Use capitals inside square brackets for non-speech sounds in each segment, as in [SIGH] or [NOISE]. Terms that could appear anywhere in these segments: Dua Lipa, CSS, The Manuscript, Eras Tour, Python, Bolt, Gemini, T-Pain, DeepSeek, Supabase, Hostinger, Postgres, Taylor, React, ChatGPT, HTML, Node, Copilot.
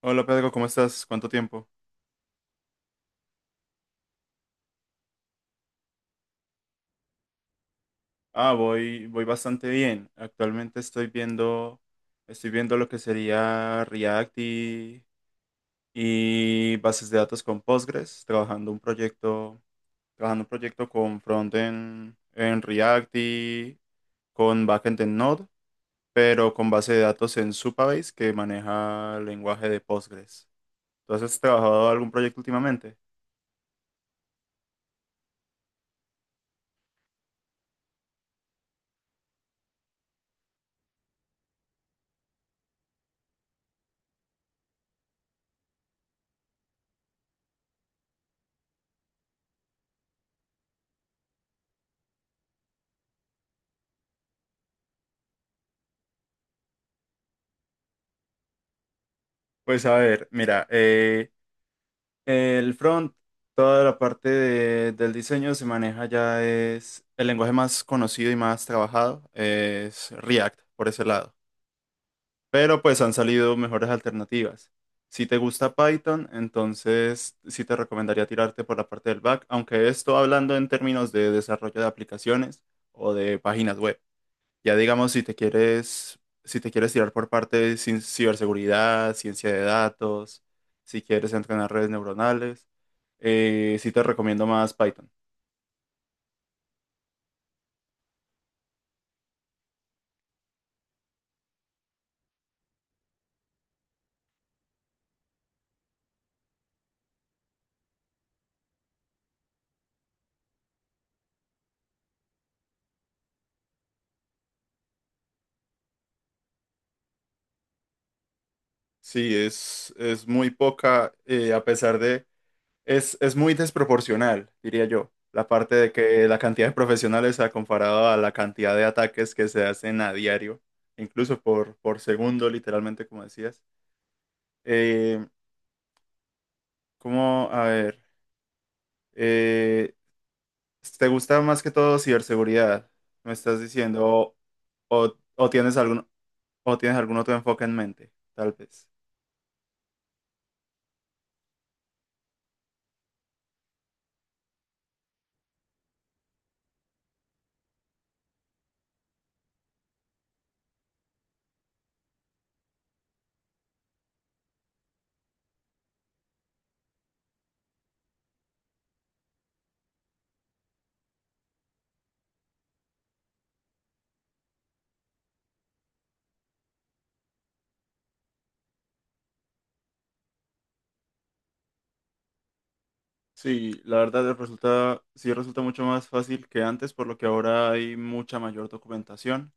Hola Pedro, ¿cómo estás? ¿Cuánto tiempo? Ah, voy bastante bien. Estoy viendo lo que sería React y bases de datos con Postgres, trabajando un proyecto con frontend en React y con backend en Node, pero con base de datos en Supabase que maneja el lenguaje de Postgres. Entonces, ¿has trabajado algún proyecto últimamente? Pues a ver, mira, el front, toda la del diseño se maneja, ya es el lenguaje más conocido y más trabajado, es React por ese lado. Pero pues han salido mejores alternativas. Si te gusta Python, entonces sí te recomendaría tirarte por la parte del back, aunque esto hablando en términos de desarrollo de aplicaciones o de páginas web. Ya digamos, si te quieres tirar por parte de ciberseguridad, ciencia de datos, si quieres entrenar redes neuronales, sí te recomiendo más Python. Sí, es muy poca, a pesar de, es muy desproporcional, diría yo, la parte de que la cantidad de profesionales ha comparado a la cantidad de ataques que se hacen a diario, incluso por segundo, literalmente, como decías. Eh, ¿Cómo? A ver. eh, ¿Te gusta más que todo ciberseguridad? ¿Me estás diciendo? O- ¿Tienes algún, o tienes algún otro enfoque en mente? Tal vez. Sí, la verdad resulta, sí resulta mucho más fácil que antes, por lo que ahora hay mucha mayor documentación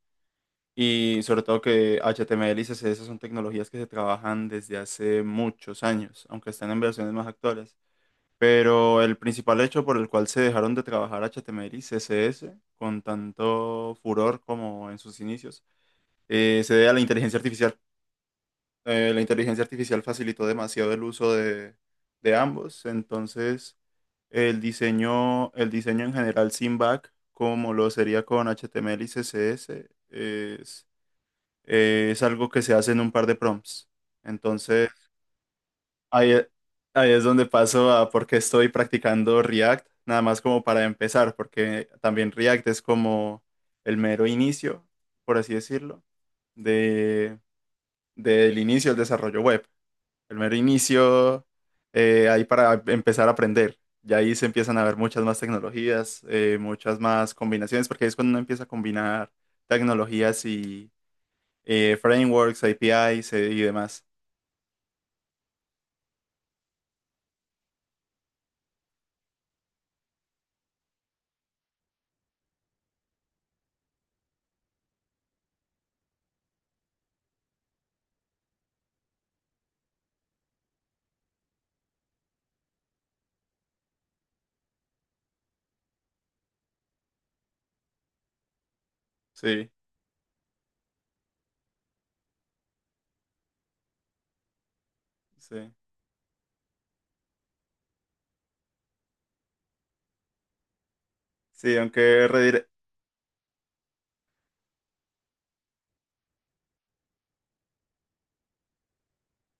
y sobre todo que HTML y CSS son tecnologías que se trabajan desde hace muchos años, aunque están en versiones más actuales. Pero el principal hecho por el cual se dejaron de trabajar HTML y CSS con tanto furor como en sus inicios se debe a la inteligencia artificial. La inteligencia artificial facilitó demasiado el uso de ambos, entonces el diseño en general sin back, como lo sería con HTML y CSS, es, es algo que se hace en un par de prompts. Entonces ahí, e, ahí es donde paso a por qué estoy practicando React, nada más como para empezar, porque también React es como el mero inicio, por así decirlo, del inicio del desarrollo web. El mero inicio, ahí para empezar a aprender. Y ahí se empiezan a ver muchas más tecnologías, muchas más combinaciones, porque ahí es cuando uno empieza a combinar tecnologías y frameworks, APIs y demás. Sí, sí. Sí,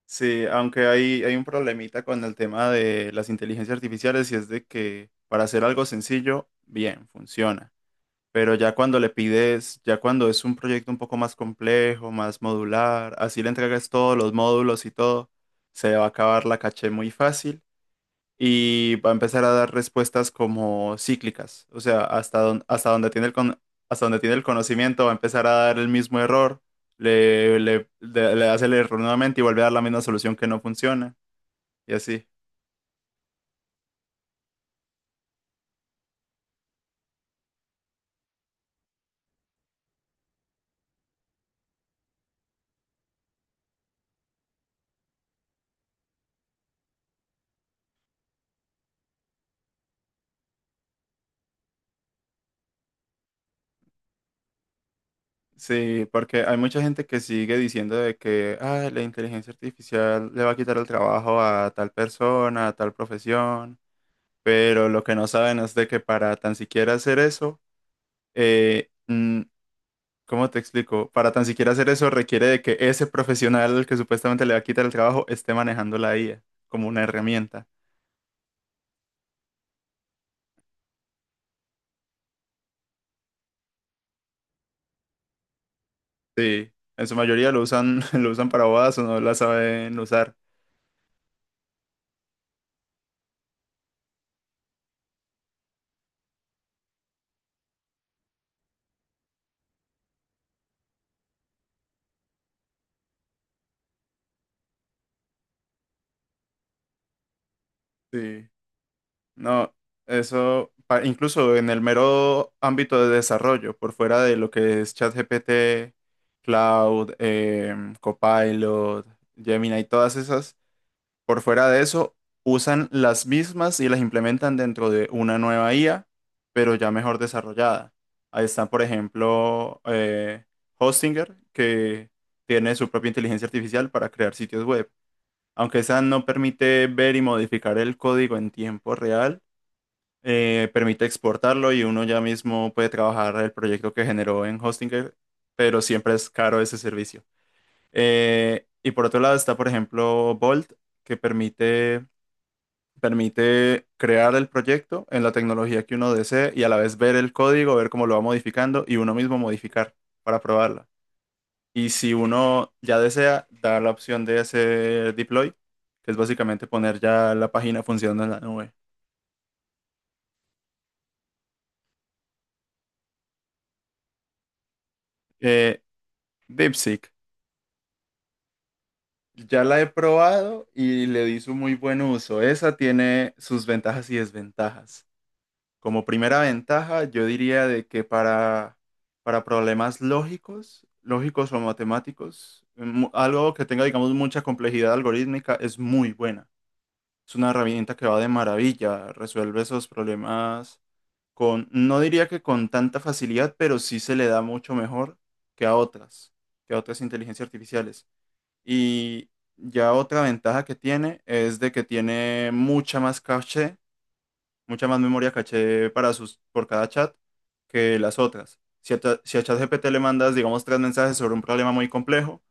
sí, aunque hay un problemita con el tema de las inteligencias artificiales y es de que para hacer algo sencillo, bien, funciona. Pero ya cuando le pides, ya cuando es un proyecto un poco más complejo, más modular, así le entregas todos los módulos y todo, se va a acabar la caché muy fácil y va a empezar a dar respuestas como cíclicas. O sea, hasta donde tiene el hasta donde tiene el conocimiento va a empezar a dar el mismo error, le hace el error nuevamente y vuelve a dar la misma solución que no funciona y así. Sí, porque hay mucha gente que sigue diciendo de que "Ah, la inteligencia artificial le va a quitar el trabajo a tal persona, a tal profesión, pero lo que no saben es de que para tan siquiera hacer eso, eh, mm, ¿cómo te explico? Para tan siquiera hacer eso requiere de que ese profesional que supuestamente le va a quitar el trabajo esté manejando la IA como una herramienta. Sí, en su mayoría lo usan, [LAUGHS] lo usan para bodas o no la saben usar. Sí. No, eso, incluso en el mero ámbito de desarrollo, por fuera de lo que es ChatGPT, Cloud, Copilot, Gemini y todas esas, por fuera de eso, usan las mismas y las implementan dentro de una nueva IA, pero ya mejor desarrollada. Ahí están, por ejemplo, Hostinger, que tiene su propia inteligencia artificial para crear sitios web. Aunque esa no permite ver y modificar el código en tiempo real, permite exportarlo y uno ya mismo puede trabajar el proyecto que generó en Hostinger, pero siempre es caro ese servicio. Y por otro lado está, por ejemplo, Bolt, que permite crear el proyecto en la tecnología que uno desee y a la vez ver el código, ver cómo lo va modificando y uno mismo modificar para probarla. Y si uno ya desea, da la opción de hacer deploy, que es básicamente poner ya la página funcionando en la nube. Eh, DeepSeek. Ya la he probado y le di su muy buen uso. Esa tiene sus ventajas y desventajas. Como primera ventaja, yo diría de que para problemas lógicos, lógicos o matemáticos, algo que tenga, digamos, mucha complejidad algorítmica es muy buena. Es una herramienta que va de maravilla, resuelve esos problemas con, no diría que con tanta facilidad, pero sí se le da mucho mejor que a otras, que a otras inteligencias artificiales. Y ya otra ventaja que tiene es de que tiene mucha más caché, mucha más memoria caché para sus, por cada chat que las otras. Si a ChatGPT le mandas, digamos, tres mensajes sobre un problema muy complejo,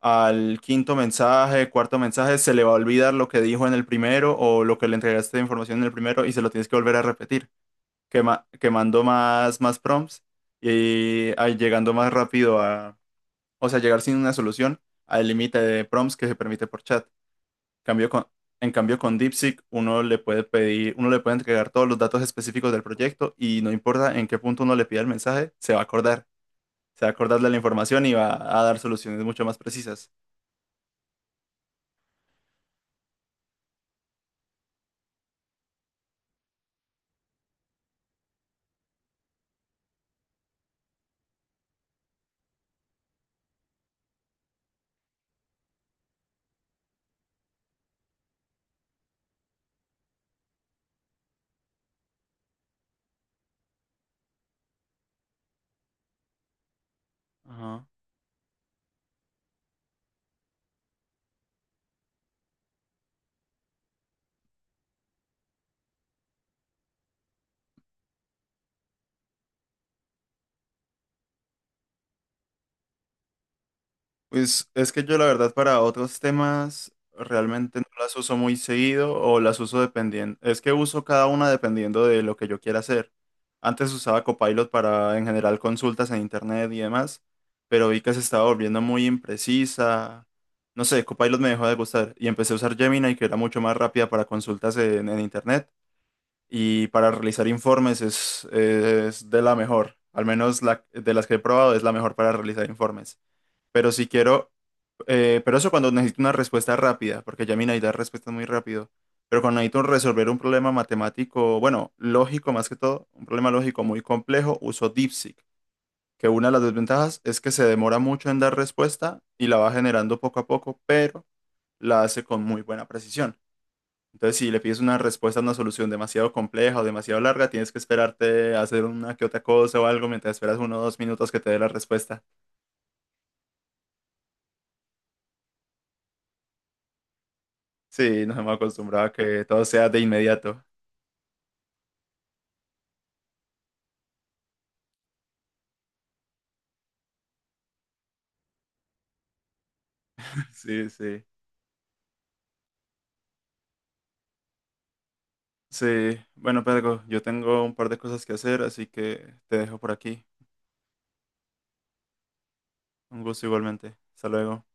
al quinto mensaje, cuarto mensaje, se le va a olvidar lo que dijo en el primero o lo que le entregaste de información en el primero y se lo tienes que volver a repetir, quemando más prompts y ah, llegando más rápido a, o sea, llegar sin una solución al límite de prompts que se permite por chat. Cambio con, en cambio, con DeepSeek uno le puede pedir, uno le puede entregar todos los datos específicos del proyecto y no importa en qué punto uno le pida el mensaje, se va a acordar. Se va a acordar de la información y va a dar soluciones mucho más precisas. Ajá. Pues es que yo la verdad para otros temas realmente no las uso muy seguido o las uso dependiendo. Es que uso cada una dependiendo de lo que yo quiera hacer. Antes usaba Copilot para en general consultas en internet y demás, pero vi que se estaba volviendo muy imprecisa. No sé, Copilot me dejó de gustar y empecé a usar Gemini que era mucho más rápida para consultas en internet y para realizar informes es de la mejor. Al menos de las que he probado es la mejor para realizar informes. Pero si quiero pero eso cuando necesito una respuesta rápida, porque ya Gemini da respuestas muy rápido. Pero cuando necesito resolver un problema matemático, bueno, lógico más que todo, un problema lógico muy complejo, uso DeepSeek, que una de las desventajas es que se demora mucho en dar respuesta y la va generando poco a poco, pero la hace con muy buena precisión. Entonces, si le pides una respuesta a una solución demasiado compleja o demasiado larga, tienes que esperarte a hacer una que otra cosa o algo mientras esperas uno o dos minutos que te dé la respuesta. Sí, nos hemos acostumbrado a que todo sea de inmediato. [LAUGHS] Sí, sí. Sí, bueno, Pedro, yo tengo un par de cosas que hacer, así que te dejo por aquí. Un gusto igualmente. Hasta luego.